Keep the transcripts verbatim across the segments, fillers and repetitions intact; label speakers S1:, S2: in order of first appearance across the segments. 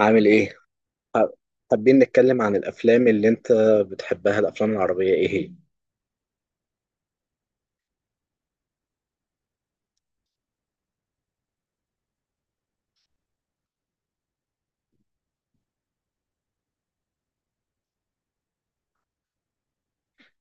S1: عامل ايه؟ ح- حابين نتكلم عن الافلام اللي انت بتحبها، الافلام العربية ايه هي؟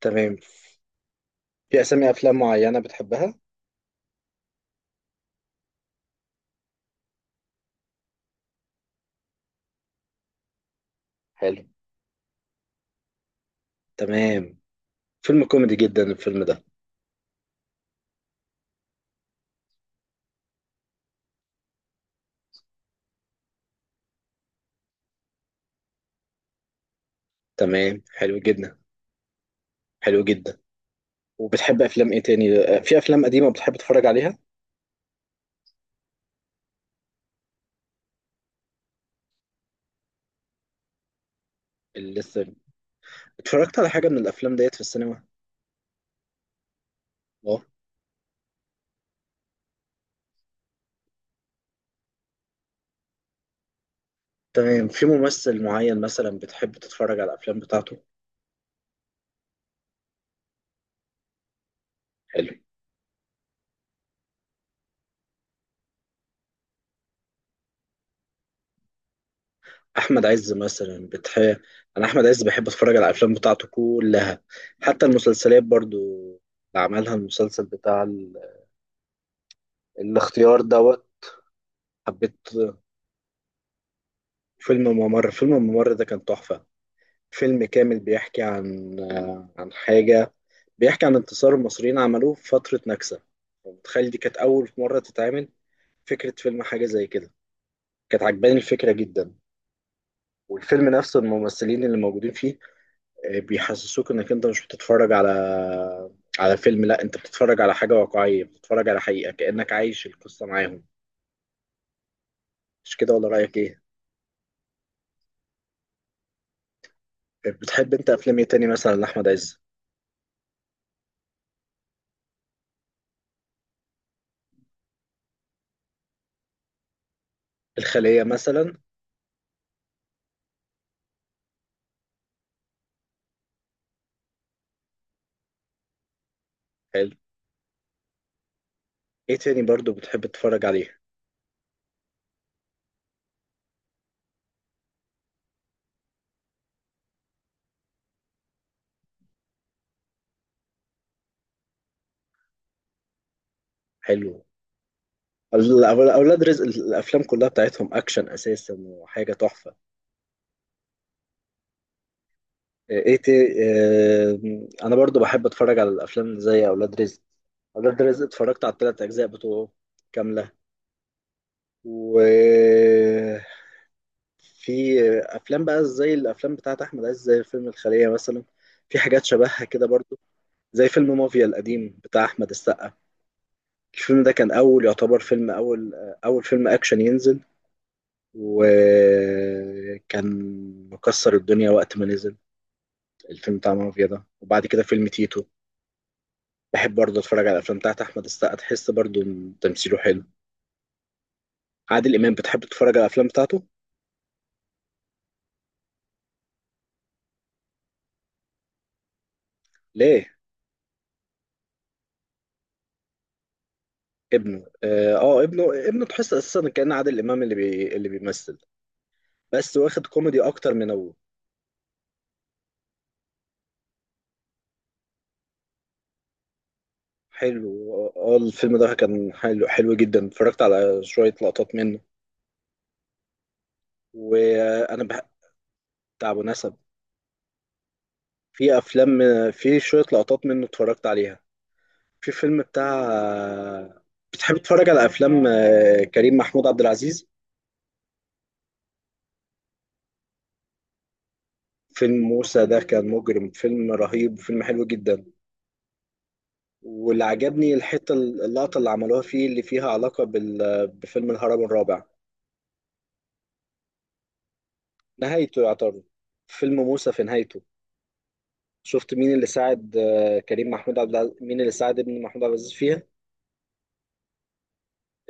S1: تمام. في اسامي افلام معينة بتحبها؟ حلو. تمام. فيلم كوميدي جدا الفيلم ده. تمام. حلو جدا. حلو جدا. وبتحب افلام ايه تاني؟ آه، في افلام قديمة بتحب تتفرج عليها؟ اللي لسه اتفرجت على حاجة من الافلام ديت في السينما؟ اه. تمام. في ممثل معين مثلا بتحب تتفرج على الافلام بتاعته؟ حلو. احمد عز مثلا بتح... انا احمد عز بحب اتفرج على الافلام بتاعته كلها، حتى المسلسلات برضو، اللي عملها المسلسل بتاع ال... الاختيار دوت. حبيت. فيلم ممر، فيلم ممر ده كان تحفة. فيلم كامل بيحكي عن آه، عن حاجة، بيحكي عن انتصار المصريين، عملوه في فترة نكسة. متخيل دي كانت أول مرة تتعمل فكرة فيلم حاجة زي كده، كانت عجباني الفكرة جدا. والفيلم نفسه، الممثلين اللي موجودين فيه بيحسسوك انك انت مش بتتفرج على على فيلم، لا انت بتتفرج على حاجة واقعية، بتتفرج على حقيقة كأنك عايش القصة معاهم. مش كده ولا رأيك ايه؟ بتحب انت افلام ايه تاني مثلا لأحمد عز؟ الخلية مثلا. حلو. ايه تاني برضو بتحب تتفرج عليه؟ حلو. ال- أول- اولاد رزق، الافلام كلها بتاعتهم اكشن اساسا وحاجة تحفة. ايه تي... اه... انا برضو بحب اتفرج على الافلام زي اولاد رزق. اولاد رزق اتفرجت على الثلاث اجزاء بتوعه كاملة، و في افلام بقى زي الافلام بتاعت احمد عز، زي فيلم الخلية مثلا، في حاجات شبهها كده برضو، زي فيلم مافيا القديم بتاع احمد السقا. الفيلم ده كان اول، يعتبر فيلم اول اول فيلم اكشن ينزل، وكان مكسر الدنيا وقت ما نزل الفيلم بتاع مافيا ده، وبعد كده فيلم تيتو. بحب برضه اتفرج على الافلام بتاعت احمد السقا، تحس برضه إن تمثيله حلو. عادل امام بتحب تتفرج على الافلام بتاعته؟ ليه؟ ابنه. اه. آه، ابنه ابنه تحس اساسا كأن عادل امام اللي بي... اللي بيمثل، بس واخد كوميدي اكتر من ابوه. حلو. اه. آه، الفيلم ده كان حلو، حلو جدا. اتفرجت على شوية لقطات منه، وانا بحب. بتاع ابو نسب. في افلام، في شوية لقطات منه اتفرجت عليها. في فيلم بتاع، بتحب تتفرج على افلام آه، كريم محمود عبد العزيز؟ فيلم موسى ده كان مجرم، فيلم رهيب، فيلم حلو جدا. واللي عجبني الحتة، اللقطة اللي عملوها فيه اللي فيها علاقة بال... بفيلم الهرم الرابع. نهايته يعتبر، فيلم موسى في نهايته، شفت مين اللي ساعد آه، كريم محمود عبد العزيز، مين اللي ساعد ابن محمود عبد العزيز فيها؟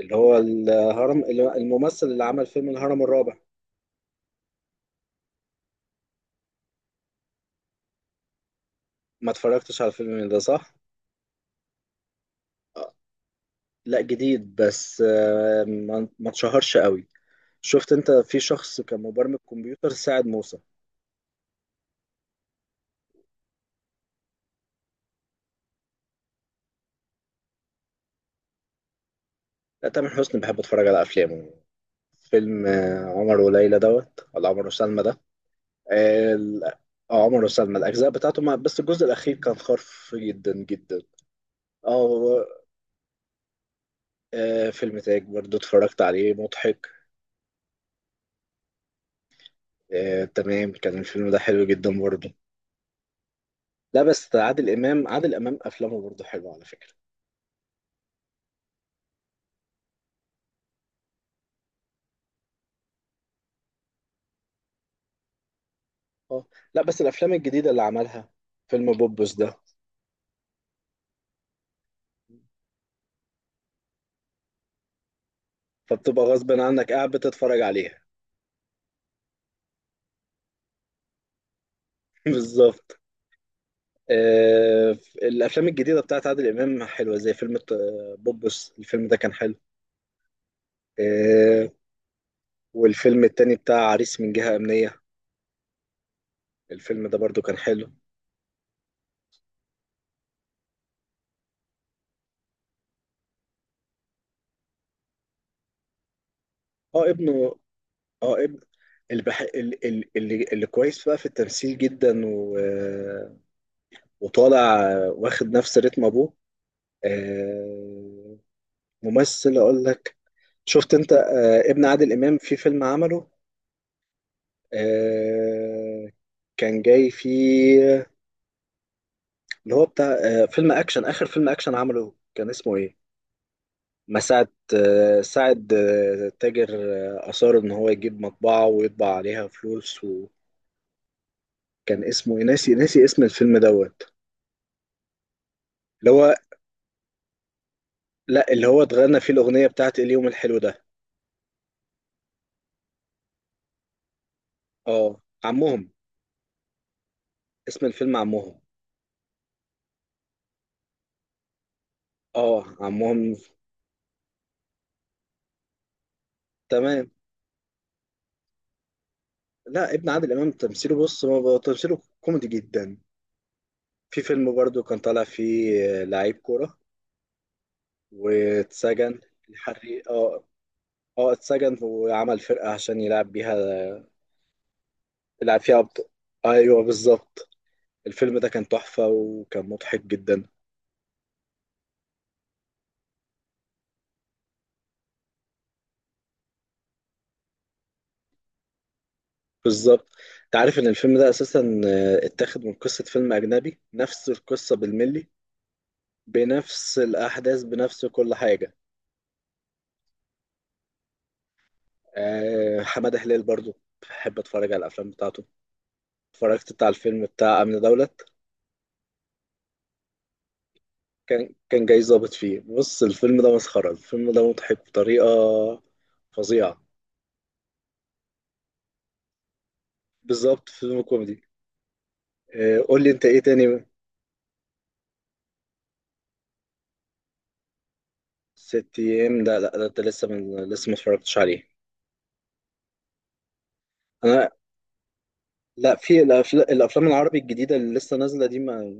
S1: اللي هو الهرم، اللي- الممثل اللي عمل فيلم الهرم الرابع. ما اتفرجتش على الفيلم ده، صح. آه، لا، جديد، بس آه، ما ما اتشهرش قوي. شفت انت، في شخص كان مبرمج كمبيوتر ساعد موسى. لا، تامر حسني بحب اتفرج على افلامه. فيلم آه، عمر وليلى دوت، ولا عمر وسلمى ده؟ اه. ال- آه، عمر وسلمى، الاجزاء بتاعته ما- بس الجزء الاخير كان خرف جدا جدا. اه. آه فيلم تاج برضو اتفرجت عليه، مضحك. آه، تمام. كان الفيلم ده حلو جدا برضو. لا بس عادل إمام، عادل إمام أفلامه برضو حلوة على فكرة. اه. لا بس الأفلام الجديدة اللي عملها، فيلم بوبوس ده. فبتبقى غصب عنك قاعد بتتفرج عليها. بالظبط. آه. الأفلام الجديدة بتاعت عادل إمام حلوة، زي فيلم آه، بوبوس. الفيلم ده كان حلو. آه. والفيلم التاني بتاع عريس من جهة أمنية، الفيلم ده برضو كان حلو. اه، ابنه. اه، ابن اللي، بح... ال- ال- اللي اللي كويس بقى في التمثيل جدا و... وطالع، واخد نفس رتم ابوه. آه، ممثل اقول لك. شفت انت آه، ابن عادل امام في فيلم عمله؟ آه، كان جاي فيه، اللي هو بتاع آه، فيلم اكشن. اخر فيلم اكشن عمله كان اسمه ايه؟ مساعد، آه، ساعد آه، تاجر، آه، اصر ان هو يجيب مطبعه ويطبع عليها فلوس، وكان اسمه إيه؟ ناسي، ناسي اسم الفيلم دوت. اللي هو، لا اللي هو اتغنى فيه الأغنية بتاعت اليوم الحلو ده. اه، عمهم. اسم الفيلم عمهم. اه، عمهم. تمام. لا، ابن عادل إمام تمثيله، بص، ما بقى تمثيله كوميدي جدا. في فيلم برضو كان طالع فيه لعيب كورة، واتسجن. الحريق، اه. اه، اتسجن وعمل فرقة عشان يلعب بيها، يلعب فيها أبطال. ايوه، بالظبط. الفيلم ده كان تحفة وكان مضحك جدا. بالظبط. انت عارف ان الفيلم ده اساسا آه، اتاخد من قصة فيلم اجنبي، نفس القصة بالملي، بنفس الأحداث، بنفس كل حاجة. آه، حمادة هلال برضو بحب أتفرج على الأفلام بتاعته. اتفرجت بتاع الفيلم بتاع أمن دولت، كان كان جاي ظابط فيه، بص الفيلم ده مسخرة، الفيلم ده مضحك بطريقة فظيعة. بالظبط، فيلم كوميدي. آه، قول لي أنت إيه تاني. ست أيام، لا لا، ده أنت لسه، من لسه ما اتفرجتش عليه. أنا، لا، في الأفلام الأفلام العربي الجديدة اللي لسه نازلة دي، ما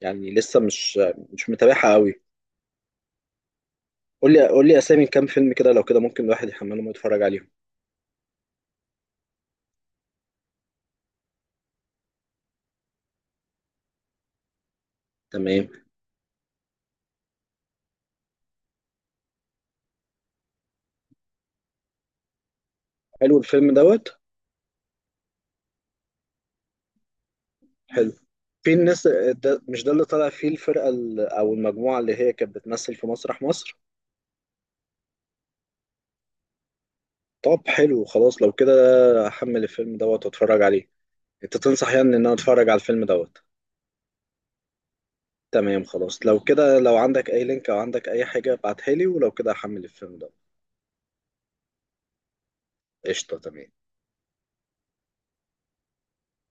S1: يعني لسه مش مش متابعها قوي. قول لي، قول لي اسامي كام فيلم كده، لو كده ممكن الواحد يحملهم ويتفرج عليهم. تمام. حلو الفيلم دوت. حلو. في الناس، ده مش ده اللي طلع فيه الفرقة ال- او المجموعة اللي هي كانت بتمثل في مسرح مصر. طب حلو، خلاص لو كده احمل الفيلم دوت واتفرج عليه. انت تنصح يعني ان انا اتفرج على الفيلم دوت. تمام. خلاص لو كده، لو عندك اي لينك او عندك اي حاجة ابعتها لي، ولو كده احمل الفيلم دوت. قشطة، تمام.